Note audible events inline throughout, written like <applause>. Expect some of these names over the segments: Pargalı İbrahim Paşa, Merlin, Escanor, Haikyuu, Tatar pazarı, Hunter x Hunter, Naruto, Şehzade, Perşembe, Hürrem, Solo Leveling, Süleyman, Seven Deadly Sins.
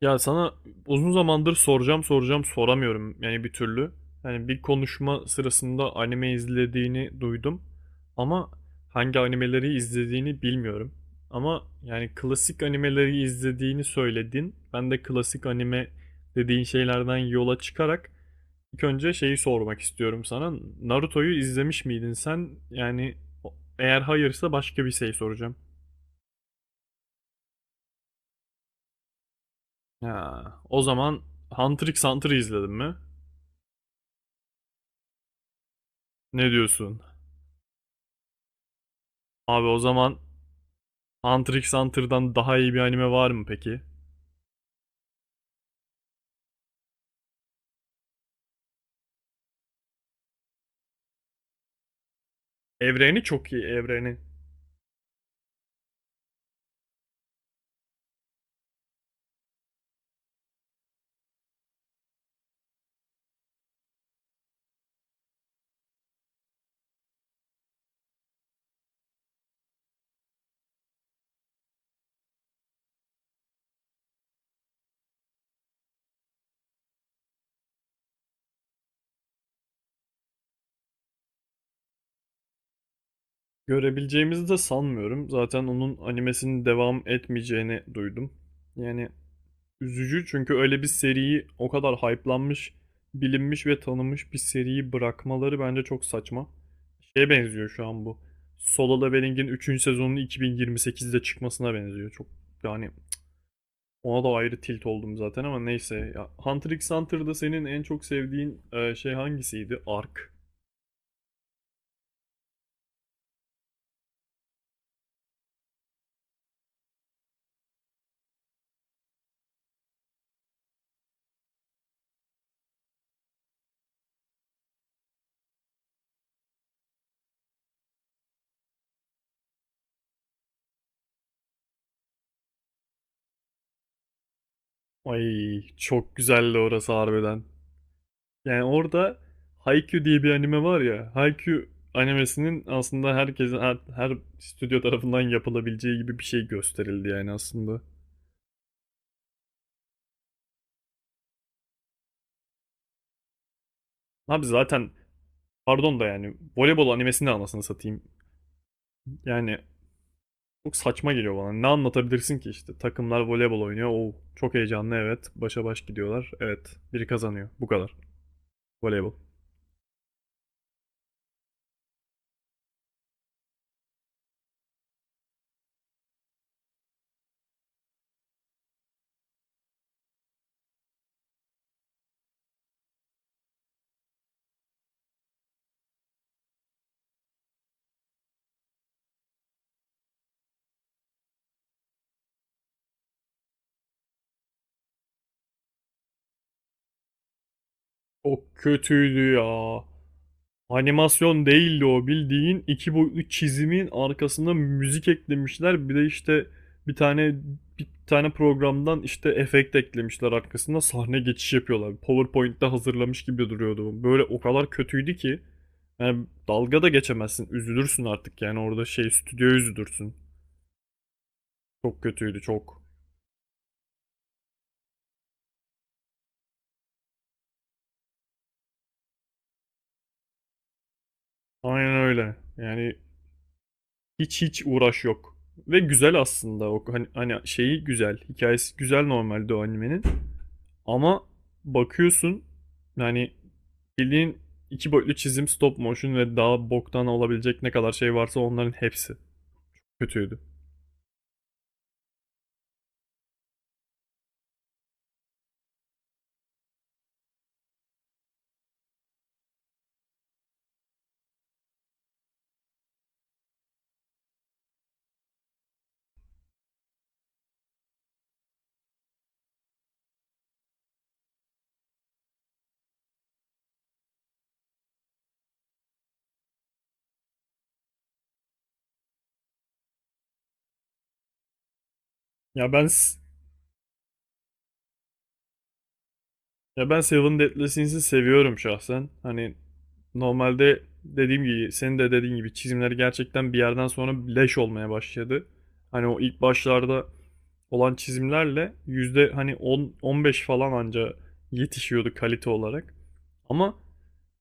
Ya sana uzun zamandır soracağım soramıyorum yani bir türlü. Yani bir konuşma sırasında anime izlediğini duydum ama hangi animeleri izlediğini bilmiyorum. Ama yani klasik animeleri izlediğini söyledin. Ben de klasik anime dediğin şeylerden yola çıkarak ilk önce şeyi sormak istiyorum sana. Naruto'yu izlemiş miydin sen? Yani o- eğer hayırsa başka bir şey soracağım. Ha, o zaman Hunter x Hunter'ı izledin mi? Ne diyorsun? Abi o zaman Hunter x Hunter'dan daha iyi bir anime var mı peki? Evreni çok iyi, evreni. Görebileceğimizi de sanmıyorum. Zaten onun animesinin devam etmeyeceğini duydum. Yani üzücü, çünkü öyle bir seriyi, o kadar hype'lanmış, bilinmiş ve tanınmış bir seriyi bırakmaları bence çok saçma. Şeye benziyor şu an bu. Solo Leveling'in üçüncü sezonunun 2028'de çıkmasına benziyor. Çok, yani ona da ayrı tilt oldum zaten, ama neyse. Ya, Hunter x Hunter'da senin en çok sevdiğin şey hangisiydi? Ark. Ay, çok güzeldi orası harbiden. Yani orada Haikyuu diye bir anime var ya. Haikyuu animesinin aslında herkesin, her stüdyo tarafından yapılabileceği gibi bir şey gösterildi yani aslında. Abi zaten, pardon da, yani voleybol animesini de anasını satayım. Yani çok saçma geliyor bana. Ne anlatabilirsin ki işte? Takımlar voleybol oynuyor. Oo, çok heyecanlı, evet. Başa baş gidiyorlar. Evet. Biri kazanıyor. Bu kadar. Voleybol. O kötüydü ya. Animasyon değildi o. Bildiğin iki boyutlu çizimin arkasında müzik eklemişler. Bir de işte bir tane bir tane programdan işte efekt eklemişler arkasında, sahne geçiş yapıyorlar. PowerPoint'te hazırlamış gibi duruyordu. Böyle o kadar kötüydü ki. Yani dalga da geçemezsin. Üzülürsün artık, yani orada şey, stüdyo, üzülürsün. Çok kötüydü, çok. Aynen öyle. Yani hiç uğraş yok. Ve güzel aslında o, hani şeyi güzel. Hikayesi güzel normalde o animenin. Ama bakıyorsun, yani bildiğin iki boyutlu çizim, stop motion ve daha boktan olabilecek ne kadar şey varsa onların hepsi kötüydü. Ya ben ya ben Seven Deadly Sins'i seviyorum şahsen. Hani normalde dediğim gibi, senin de dediğin gibi, çizimleri gerçekten bir yerden sonra leş olmaya başladı. Hani o ilk başlarda olan çizimlerle yüzde hani 10 15 falan anca yetişiyordu kalite olarak. Ama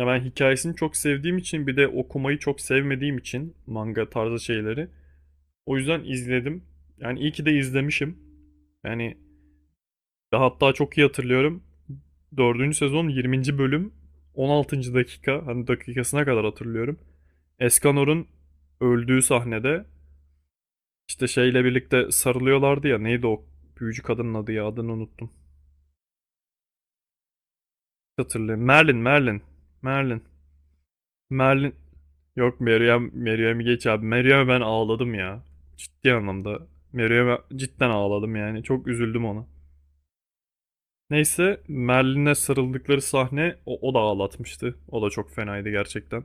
ya, ben hikayesini çok sevdiğim için, bir de okumayı çok sevmediğim için manga tarzı şeyleri. O yüzden izledim. Yani iyi ki de izlemişim. Yani ve hatta çok iyi hatırlıyorum. Dördüncü sezon 20. bölüm 16. dakika, hani dakikasına kadar hatırlıyorum. Escanor'un öldüğü sahnede işte şeyle birlikte sarılıyorlardı ya, neydi o büyücü kadının adı ya, adını unuttum. Hatırlıyorum. Merlin, Merlin. Merlin. Merlin. Yok Meryem, Meryem'i geç abi. Meryem'e ben ağladım ya. Ciddi anlamda. Meryem'e cidden ağladım yani. Çok üzüldüm ona. Neyse, Merlin'e sarıldıkları sahne o da ağlatmıştı. O da çok fenaydı gerçekten.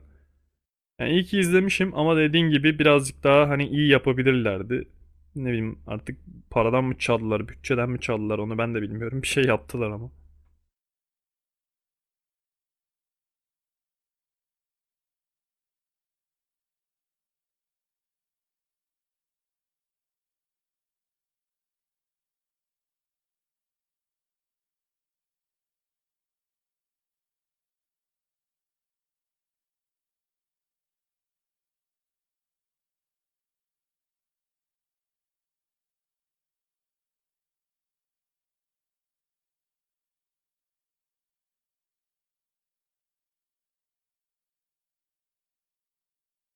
Yani iyi ki izlemişim, ama dediğin gibi birazcık daha hani iyi yapabilirlerdi. Ne bileyim artık, paradan mı çaldılar, bütçeden mi çaldılar, onu ben de bilmiyorum. Bir şey yaptılar ama.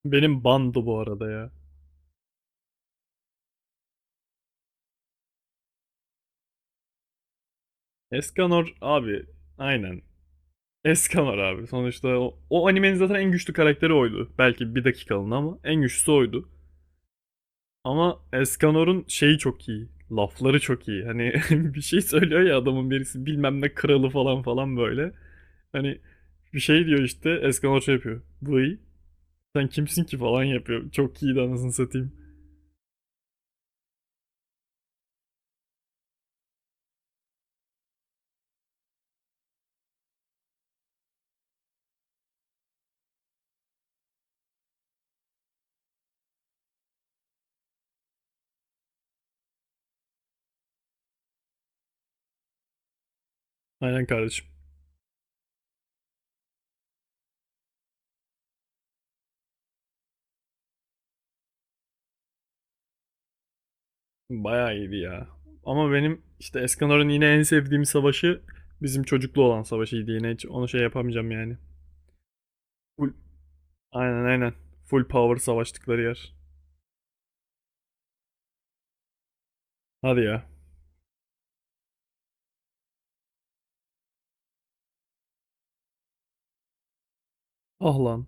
Benim bandı bu arada ya. Eskanor abi, aynen, Eskamar abi. Sonuçta o animenin zaten en güçlü karakteri oydu. Belki bir dakikalığına ama en güçlüsü oydu. Ama Eskanor'un şeyi çok iyi. Lafları çok iyi. Hani <laughs> bir şey söylüyor ya, adamın birisi bilmem ne kralı falan falan böyle. Hani bir şey diyor işte, Eskanor şey yapıyor. Vıy, sen kimsin ki falan yapıyor. Çok iyiydi anasını satayım. Aynen kardeşim. Bayağı iyiydi ya. Ama benim işte Eskanor'un yine en sevdiğim savaşı bizim çocuklu olan savaşıydı yine. Hiç onu şey yapamayacağım yani. Bu Aynen, aynen. Full power savaştıkları yer. Hadi ya. Ah lan.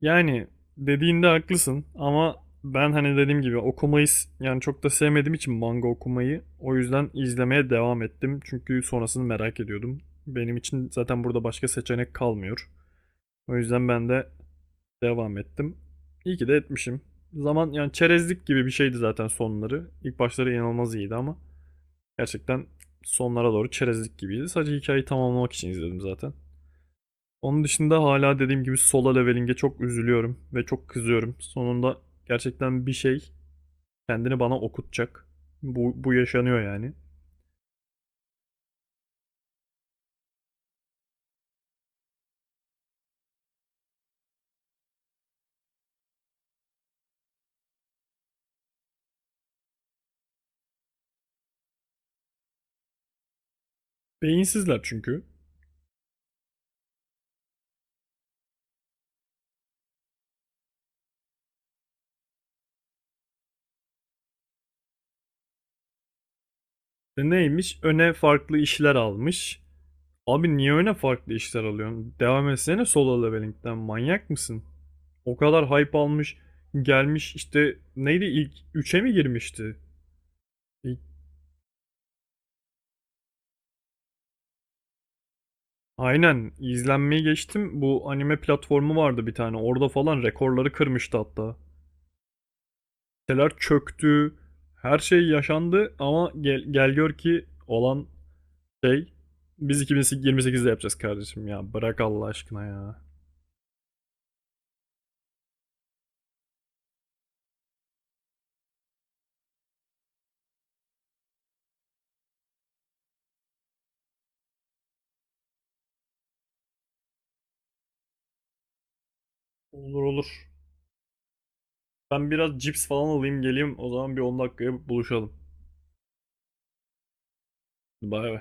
Yani dediğinde haklısın ama ben, hani dediğim gibi, okumayı yani çok da sevmediğim için manga okumayı, o yüzden izlemeye devam ettim. Çünkü sonrasını merak ediyordum. Benim için zaten burada başka seçenek kalmıyor. O yüzden ben de devam ettim. İyi ki de etmişim. Zaman, yani çerezlik gibi bir şeydi zaten sonları. İlk başları inanılmaz iyiydi ama gerçekten sonlara doğru çerezlik gibiydi. Sadece hikayeyi tamamlamak için izledim zaten. Onun dışında hala dediğim gibi Solo Leveling'e çok üzülüyorum ve çok kızıyorum. Sonunda gerçekten bir şey kendini bana okutacak. Bu yaşanıyor yani. Beyinsizler çünkü. E, neymiş? Öne farklı işler almış. Abi niye öne farklı işler alıyorsun? Devam etsene Solo Leveling'den. Manyak mısın? O kadar hype almış. Gelmiş işte, neydi, ilk üçe mi girmişti? İlk- Aynen, izlenmeyi geçtim. Bu anime platformu vardı bir tane. Orada falan rekorları kırmıştı hatta. Siteler çöktü. Her şey yaşandı ama gel, gör ki olan şey, biz 2028'de yapacağız kardeşim ya. Bırak Allah aşkına ya. Olur, olur. Ben biraz cips falan alayım geleyim. O zaman bir 10 dakikaya buluşalım. Bay bay.